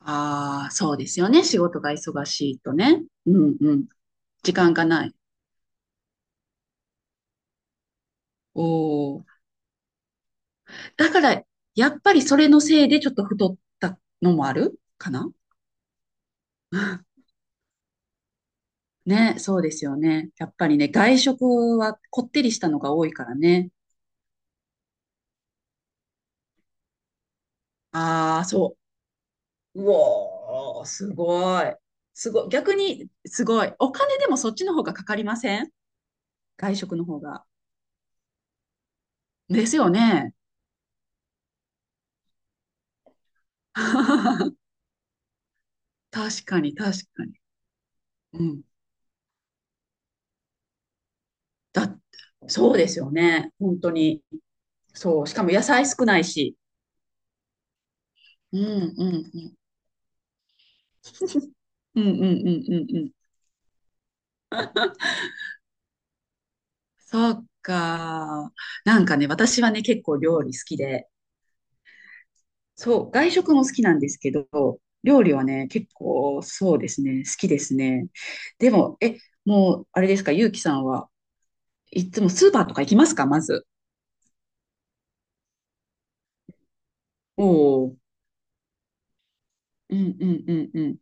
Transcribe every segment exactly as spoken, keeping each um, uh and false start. ああ、そうですよね。仕事が忙しいとね。うんうん。時間がない。おお。だから、やっぱりそれのせいでちょっと太ったのもあるかな。うん。 ね、そうですよね。やっぱりね、外食はこってりしたのが多いからね。ああ、そう。うおー、すごい。すごい。逆に、すごい。お金でもそっちの方がかかりません？外食の方が。ですよね。確かに、確かに。うん。だ、そうですよね。本当に。そう。しかも野菜少ないし。うんうんうん。うんうんうんうんうん。そうか。なんかね、私はね、結構料理好きで、そう、外食も好きなんですけど、料理はね、結構そうですね、好きですね。でも、え、もう、あれですか、ゆうきさんはいつもスーパーとか行きますか、まず。おお。うんうんうんう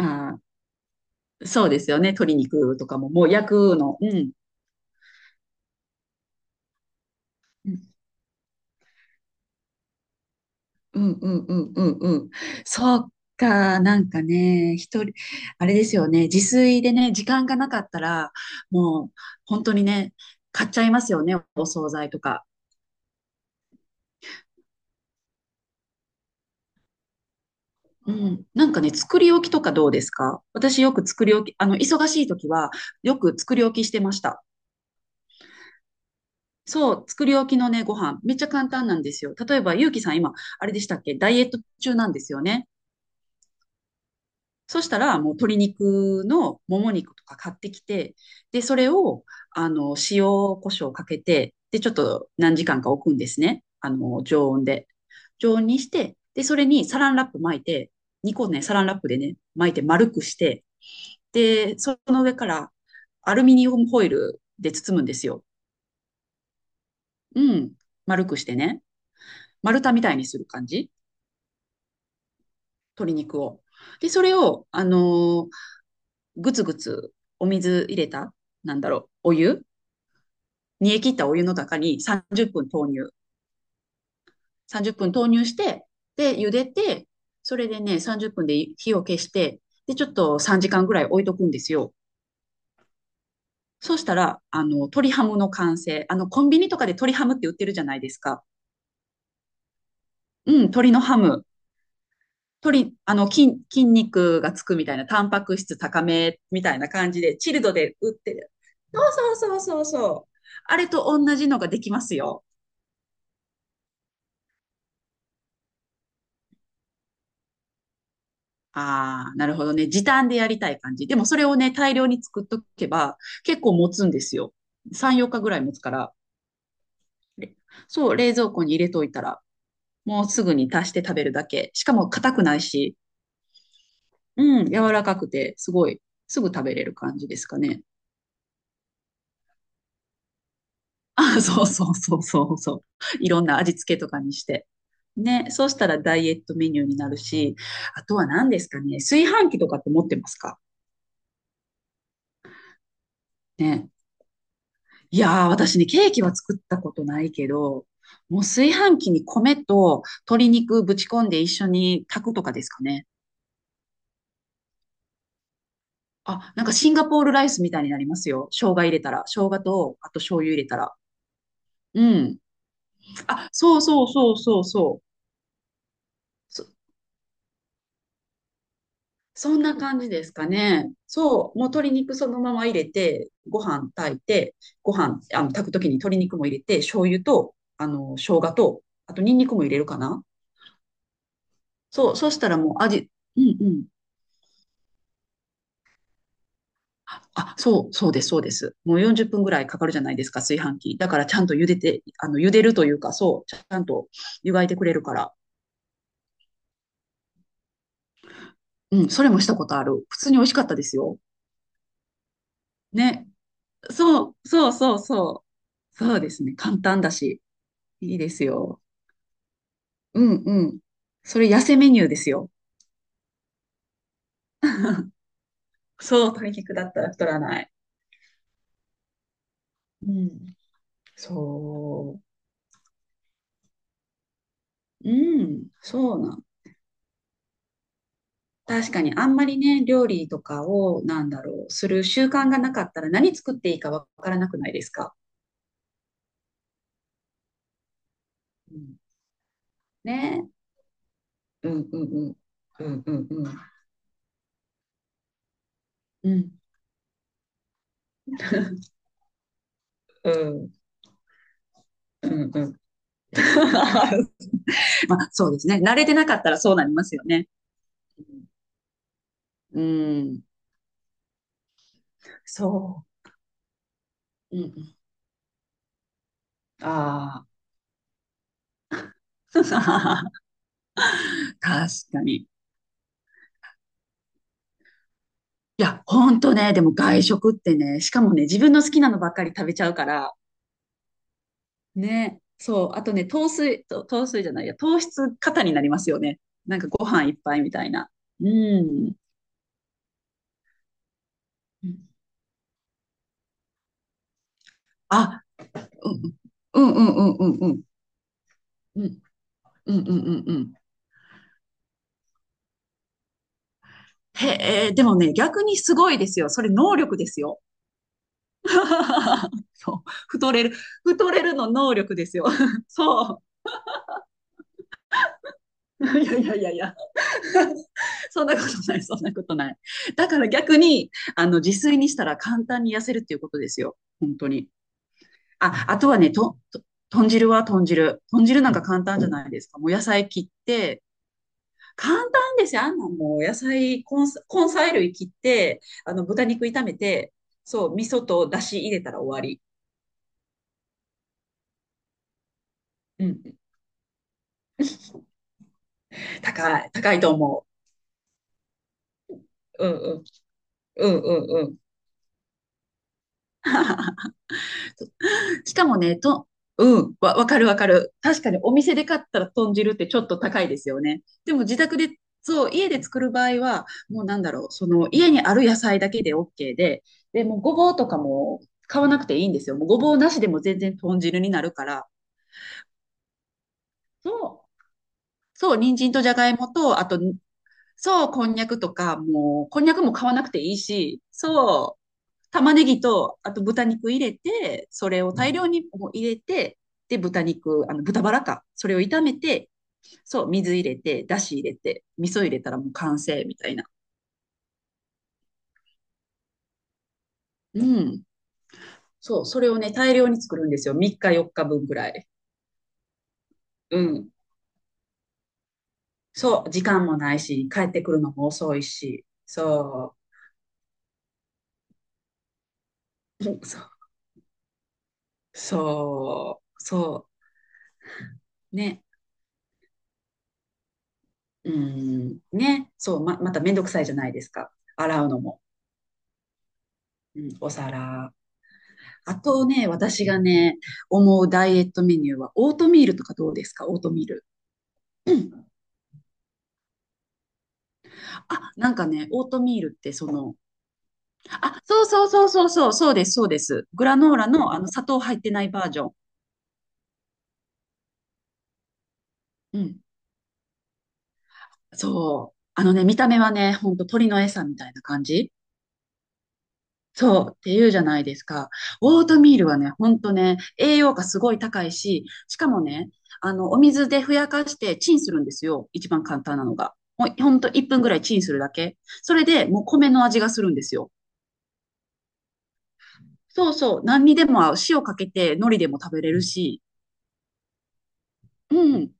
ん。ああ、そうですよね、鶏肉とかも、もう焼くの。うん。うんうんうんうんうん。そうか、なんかね、一人、あれですよね、自炊でね、時間がなかったら、もう本当にね、買っちゃいますよね、お惣菜とか。うん。なんかね、作り置きとかどうですか？私よく作り置き、あの、忙しい時はよく作り置きしてました。そう、作り置きのね、ご飯、めっちゃ簡単なんですよ。例えば、ゆうきさん今、あれでしたっけ？ダイエット中なんですよね。そしたら、もう鶏肉のもも肉とか買ってきて、で、それを、あの、塩、胡椒をかけて、で、ちょっと何時間か置くんですね。あの、常温で。常温にして、で、それにサランラップ巻いて、にこね、サランラップでね、巻いて丸くして、で、その上からアルミニウムホイルで包むんですよ。うん。丸くしてね。丸太みたいにする感じ。鶏肉を。で、それを、あのーぐつぐつお水入れた、なんだろう、お湯、煮え切ったお湯の中にさんじゅっぷん投入。さんじゅっぷん投入して、で、茹でて、それでね、さんじゅっぷんで火を消して、で、ちょっとさんじかんぐらい置いとくんですよ。そうしたら、あの、鶏ハムの完成。あの、コンビニとかで鶏ハムって売ってるじゃないですか。うん、鶏のハム。鶏、あの、筋、筋肉がつくみたいな、タンパク質高めみたいな感じで、チルドで売ってる。そうそうそうそうそう。あれと同じのができますよ。ああ、なるほどね。時短でやりたい感じ。でもそれをね、大量に作っとけば結構持つんですよ。さん、よっかぐらい持つから。れそう、冷蔵庫に入れといたら、もうすぐに足して食べるだけ。しかも硬くないし、うん、柔らかくて、すごい、すぐ食べれる感じですかね。あ、そうそうそうそうそう。いろんな味付けとかにして。ね、そうしたらダイエットメニューになるし、あとは何ですかね。炊飯器とかって持ってますかね。いやー、私ね、ケーキは作ったことないけど、もう炊飯器に米と鶏肉ぶち込んで一緒に炊くとかですかね。あ、なんかシンガポールライスみたいになりますよ。生姜入れたら。生姜と、あと醤油入れたら。うん。あ、そうそうそうそうそう。そ、そんな感じですかね。そう。もう鶏肉そのまま入れて、ご飯炊いて、ご飯、あの、炊くときに鶏肉も入れて、醤油と、あの、生姜と、あとニンニクも入れるかな。そう。そしたらもう味、うんうん。あ、そう、そうです、そうです。もうよんじゅっぷんぐらいかかるじゃないですか、炊飯器。だからちゃんと茹でて、あの、茹でるというか、そう、ちゃんと湯がいてくれるから。うん、それもしたことある。普通に美味しかったですよ。ね。そう、そうそうそう。そうですね。簡単だし、いいですよ。うんうん。それ痩せメニューですよ。そう、対極だったら太らない。うん。そう。うん、そうなん確かにあんまりね、料理とかを、なんだろう、する習慣がなかったら何作っていいかわからなくないですか？うん、ねえ。うんうんうん。うんうんうん。うん。うんうんうん。まあ、そうですね。慣れてなかったらそうなりますよね。うん。うんそう。うんうん。ああ。確かに。いや、ほんとね、でも外食ってね、しかもね、自分の好きなのばっかり食べちゃうから、ね。そう。あとね、糖水、と糖水じゃないや、糖質過多になりますよね。なんかご飯いっぱいみたいな。うん。あ、うん、うんうんうんうんうん。うん、うん、うん、うん、うん。へえ、でもね、逆にすごいですよ。それ能力ですよ。そう。太れる、太れるの能力ですよ。そう。いやいやいやいや。そんなことない、そんなことない。だから逆に、あの、自炊にしたら簡単に痩せるっていうことですよ。本当に。あ、あとはね、と、と豚汁は豚汁。豚汁なんか簡単じゃないですか。もう野菜切って、簡単ですよ。あんなもう野菜、根菜根菜類切って、あの、豚肉炒めて、そう、味噌と出汁入れたら終わり。うん。高い、高いと思う。うんうん。うんうんうん。しかもね、と、うん、わ、わかるわかる。確かにお店で買ったら豚汁ってちょっと高いですよね。でも自宅で、そう、家で作る場合は、もうなんだろう、その家にある野菜だけで オーケー で、で、もうごぼうとかも買わなくていいんですよ。もうごぼうなしでも全然豚汁になるから。そう、そう、人参とじゃがいもと、あと、そう、こんにゃくとか、もう、こんにゃくも買わなくていいし、そう玉ねぎと、あと豚肉入れて、それを大量にもう入れて、で、豚肉、あの、豚バラか。それを炒めて、そう、水入れて、だし入れて、味噌入れたらもう完成みたいな。うん。そう、それをね、大量に作るんですよ。みっかよっかぶんぐらい。うん。そう、時間もないし、帰ってくるのも遅いし。そう。うんそう。そう。そう。ね。うん。ね。そう、ま、まためんどくさいじゃないですか。洗うのも。うん、お皿。あとね、私がね、思うダイエットメニューは、オートミールとかどうですか？オートミール。うんあ、なんかね、オートミールってその、あ、そうそうそうそうそう、そうです、そうです。グラノーラのあの砂糖入ってないバージョン。うん。そう。あのね、見た目はね、ほんと鳥の餌みたいな感じ。そう、っていうじゃないですか。オートミールはね、ほんとね、栄養価すごい高いし、しかもね、あの、お水でふやかしてチンするんですよ。一番簡単なのが。ほんほんといっぷんぐらいチンするだけ。それでもう米の味がするんですよ。そうそう、何にでも合う。塩かけて海苔でも食べれるし。うん。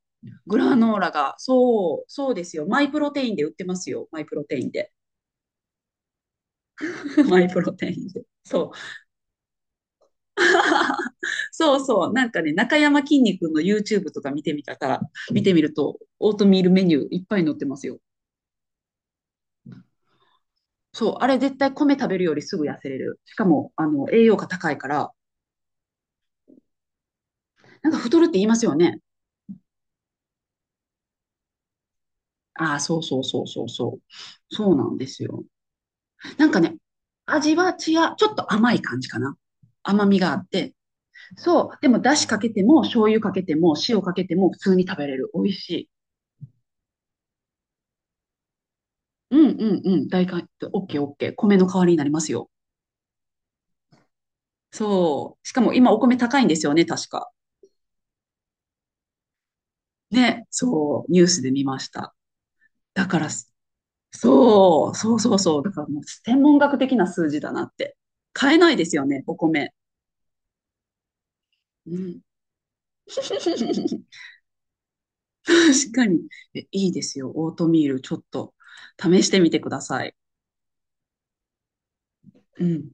グラノーラが、そう、そうですよ。マイプロテインで売ってますよ。マイプロテインで。マイプロテインで。そう。そうそう、なんかね、中山きんに君の ユーチューブ とか見てみたら、見てみると、オートミールメニューいっぱい載ってますよ。そう、あれ絶対米食べるよりすぐ痩せれる。しかも、あの、栄養価高いから、なんか太るって言いますよね。ああ、そうそうそうそうそう。そうなんですよ。なんかね、味は違う、ちょっと甘い感じかな。甘みがあって。そう、でも、だしかけても、醤油かけても、塩かけても、普通に食べれる。美味しい。うんうんうん、大体、オッケーオッケー。米の代わりになりますよ。そう。しかも今お米高いんですよね、確か。ね。そう。ニュースで見ました。だからそうそうそうそう。だからもう天文学的な数字だなって。買えないですよね、お米。うん。確かに。えいいですよ。オートミール、ちょっと試してみてください。うん。